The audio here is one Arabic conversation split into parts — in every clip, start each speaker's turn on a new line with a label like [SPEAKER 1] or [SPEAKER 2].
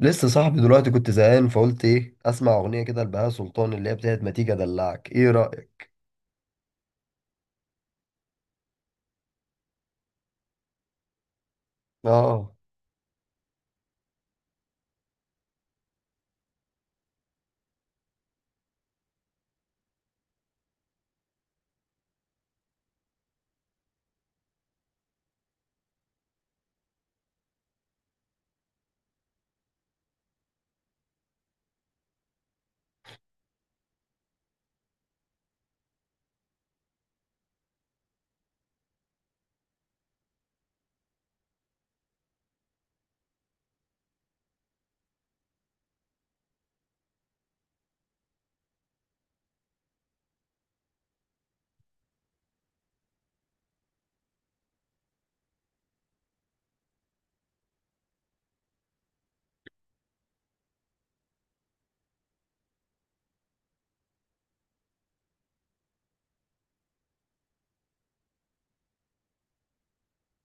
[SPEAKER 1] لسه صاحبي دلوقتي كنت زهقان فقلت ايه، اسمع اغنيه كده لبهاء سلطان اللي هي بتاعت ما تيجي ادلعك. ايه رايك؟ اه.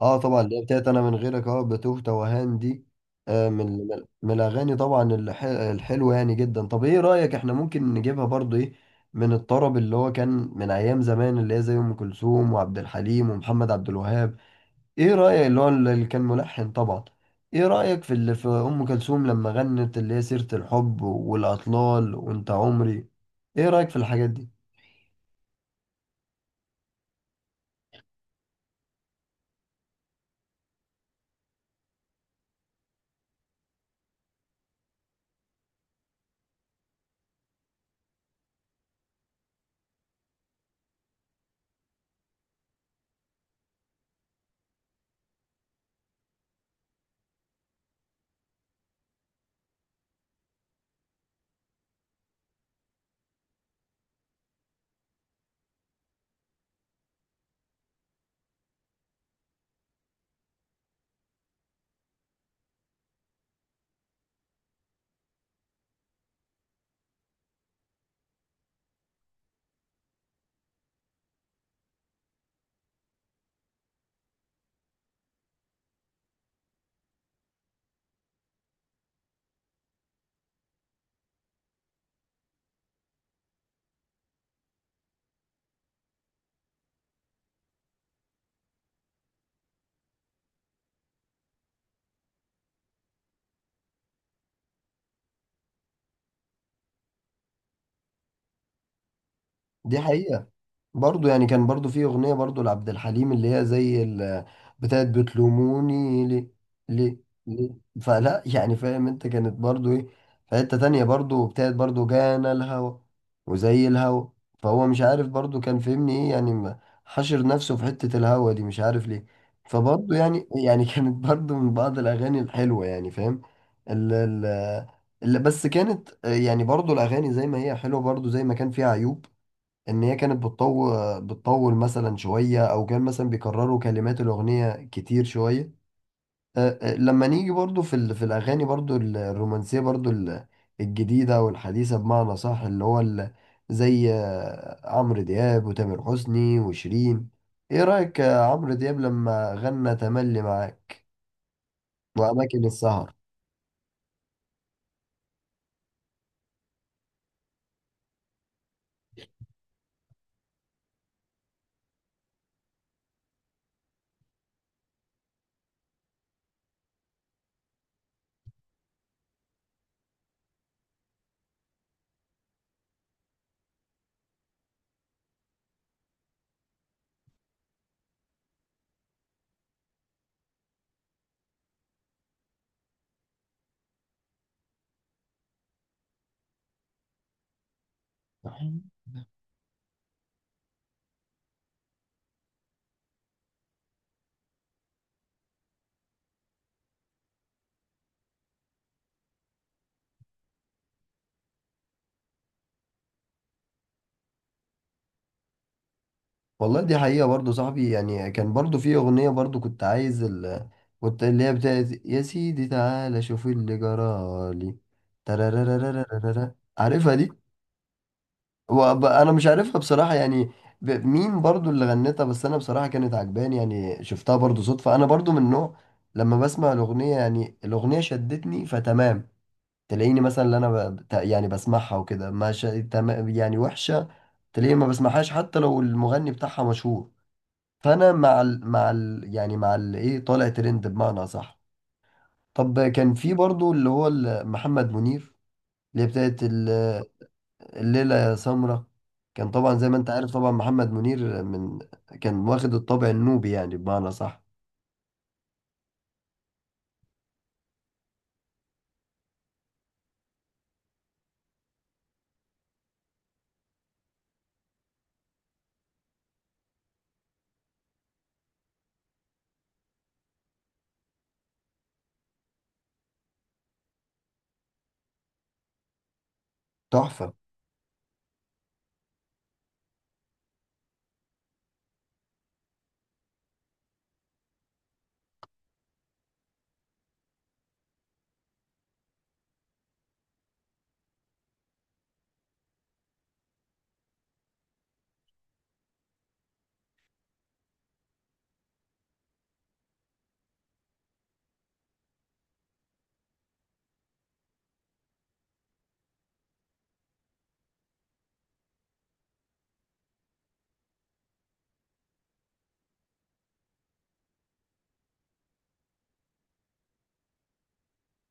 [SPEAKER 1] اه طبعا، اللي هي بتاعت انا من غيرك، اه بتوه توهان دي. آه، من الاغاني طبعا، الحلوه يعني جدا. طب ايه رايك، احنا ممكن نجيبها برضو ايه من الطرب اللي هو كان من ايام زمان، اللي هي زي ام كلثوم وعبد الحليم ومحمد عبد الوهاب؟ ايه رأيك اللي هو اللي كان ملحن طبعا؟ ايه رأيك في اللي في ام كلثوم لما غنت اللي هي سيرة الحب والاطلال وانت عمري؟ ايه رأيك في الحاجات دي؟ دي حقيقة. برضو يعني كان برضو في أغنية برضو لعبد الحليم اللي هي زي بتاعت بتلوموني ليه، ليه، ليه. فلا يعني، فاهم انت؟ كانت برضو ايه، في حتة تانية برضو بتاعت برضو جانا الهوى وزي الهوى. فهو مش عارف برضو كان فهمني ايه يعني، حشر نفسه في حتة الهوى دي مش عارف ليه. فبرضو يعني كانت برضو من بعض الأغاني الحلوة، يعني فاهم. ال ال بس كانت، آه، يعني برضو الأغاني زي ما هي حلوة برضو زي ما كان فيها عيوب. ان هي كانت بتطول بتطول مثلا شويه، او كان مثلا بيكرروا كلمات الاغنيه كتير شويه. أه، لما نيجي برضو في في الاغاني برضو الرومانسيه برضو الجديده والحديثه بمعنى صح، اللي هو ال- زي، عمرو دياب وتامر حسني وشيرين. ايه رايك عمرو دياب لما غنى تملي معاك واماكن السهر؟ والله دي حقيقة برضه صاحبي، يعني كان برضه في أغنية برضه كنت عايز كنت اللي هي بتاعت يا سيدي تعالى شوف اللي جرالي، ترارارارارارارا. عارفها دي؟ أنا مش عارفها بصراحة يعني. مين برضه اللي غنتها؟ بس أنا بصراحة كانت عجباني يعني، شفتها برضه صدفة. أنا برضه من نوع لما بسمع الأغنية يعني الأغنية شدتني، فتمام، تلاقيني مثلا اللي أنا يعني بسمعها وكده. ما ش... تمام، يعني وحشة. تلاقيني ما بسمعهاش حتى لو المغني بتاعها مشهور. فانا مع ال ايه، طالع ترند بمعنى صح. طب كان في برضو اللي هو محمد منير اللي هي بتاعت الليلة يا سمرة. كان طبعا زي ما انت عارف، طبعا محمد منير من كان واخد الطابع النوبي يعني بمعنى صح. تحفة.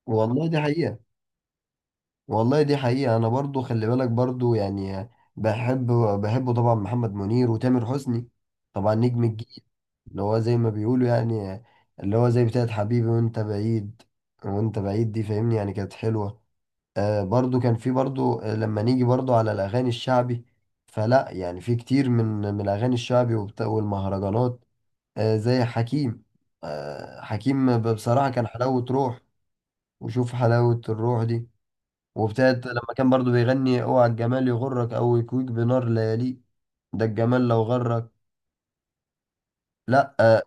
[SPEAKER 1] والله دي حقيقة. والله دي حقيقة، أنا برضو خلي بالك برضو يعني، بحب، بحبه طبعا محمد منير وتامر حسني طبعا نجم الجيل اللي هو زي ما بيقولوا يعني، اللي هو زي بتاعت حبيبي وأنت بعيد. وأنت بعيد دي فاهمني، يعني كانت حلوة. آه برضو كان في برضو، لما نيجي برضو على الأغاني الشعبي، فلا يعني في كتير من من الأغاني الشعبي والمهرجانات، آه، زي حكيم. آه حكيم بصراحة كان حلاوة روح، وشوف حلاوة الروح دي. وابتدت لما كان برضو بيغني اوعى الجمال يغرك او يكويك بنار ليالي، ده الجمال لو غرك. لا اه.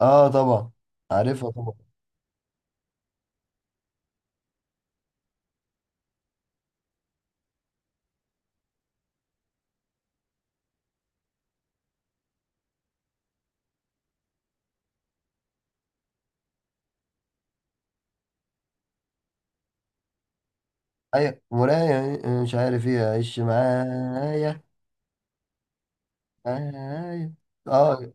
[SPEAKER 1] آه طبعا، عارفها طبعا. اي مراية، مش عارف ايه، عيش معايا معايا. اه.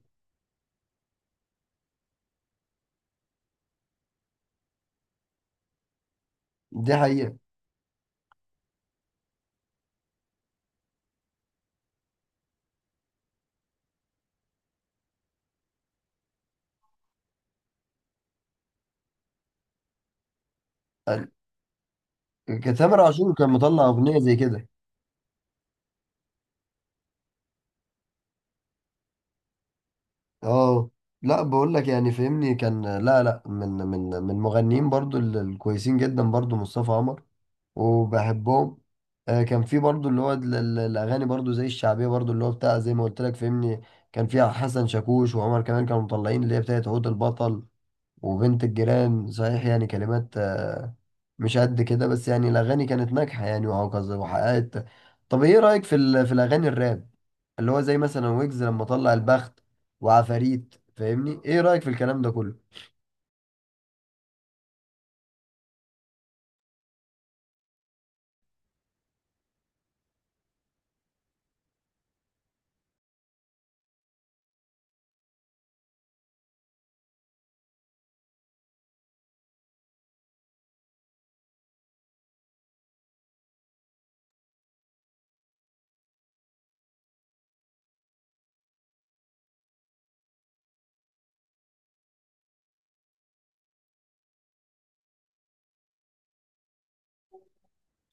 [SPEAKER 1] دي حقيقة. ال- كان تامر عاشور كان مطلع اغنية زي كده. اه. لا بقول لك يعني فهمني كان، لا لا، من مغنيين برضو الكويسين جدا برضو مصطفى عمر، وبحبهم. آه، كان في برضو اللي هو الاغاني برضو زي الشعبيه برضو اللي هو بتاع، زي ما قلت لك فهمني، كان فيها حسن شاكوش وعمر كمان كانوا مطلعين اللي هي بتاعت عود البطل وبنت الجيران صحيح. يعني كلمات، آه، مش قد كده، بس يعني الاغاني كانت ناجحه يعني وهكذا وحققت. طب ايه رايك في في الاغاني الراب اللي هو زي مثلا ويجز لما طلع البخت وعفاريت؟ فاهمني ايه رايك في الكلام ده كله؟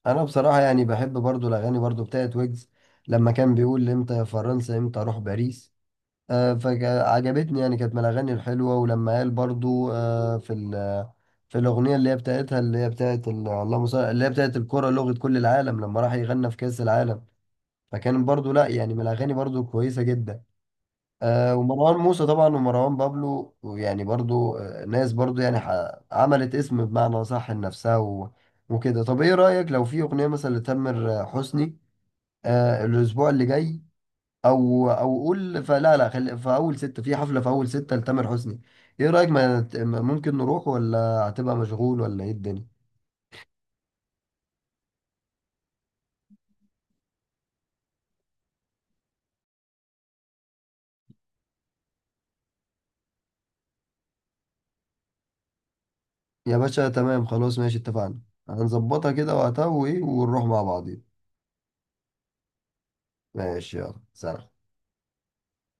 [SPEAKER 1] انا بصراحه يعني بحب برضو الاغاني برضو بتاعت ويجز لما كان بيقول امتى يا فرنسا، امتى اروح باريس، آه، فعجبتني يعني. كانت من الاغاني الحلوه. ولما قال برضو، آه، في في الاغنيه اللي هي بتاعتها اللي هي بتاعت اللهم صل، اللي هي بتاعت الكره لغه كل العالم لما راح يغنى في كاس العالم، فكان برضو لا يعني من الاغاني برضو كويسه جدا. آه، ومروان موسى طبعا ومروان بابلو يعني برضو، آه، ناس برضو يعني عملت اسم بمعنى صح لنفسها و- وكده. طب ايه رأيك لو في اغنية مثلا لتامر حسني، آه، الاسبوع اللي جاي، او قول، فلا، لا، خلي في اول ستة، في حفلة في اول ستة لتامر حسني. ايه رأيك؟ ما ممكن نروح، ولا هتبقى مشغول، ولا ايه الدنيا؟ يا باشا تمام، خلاص ماشي، اتفقنا. هنظبطها كده وقتها وايه، ونروح مع بعضين. ماشي، يلا سلام.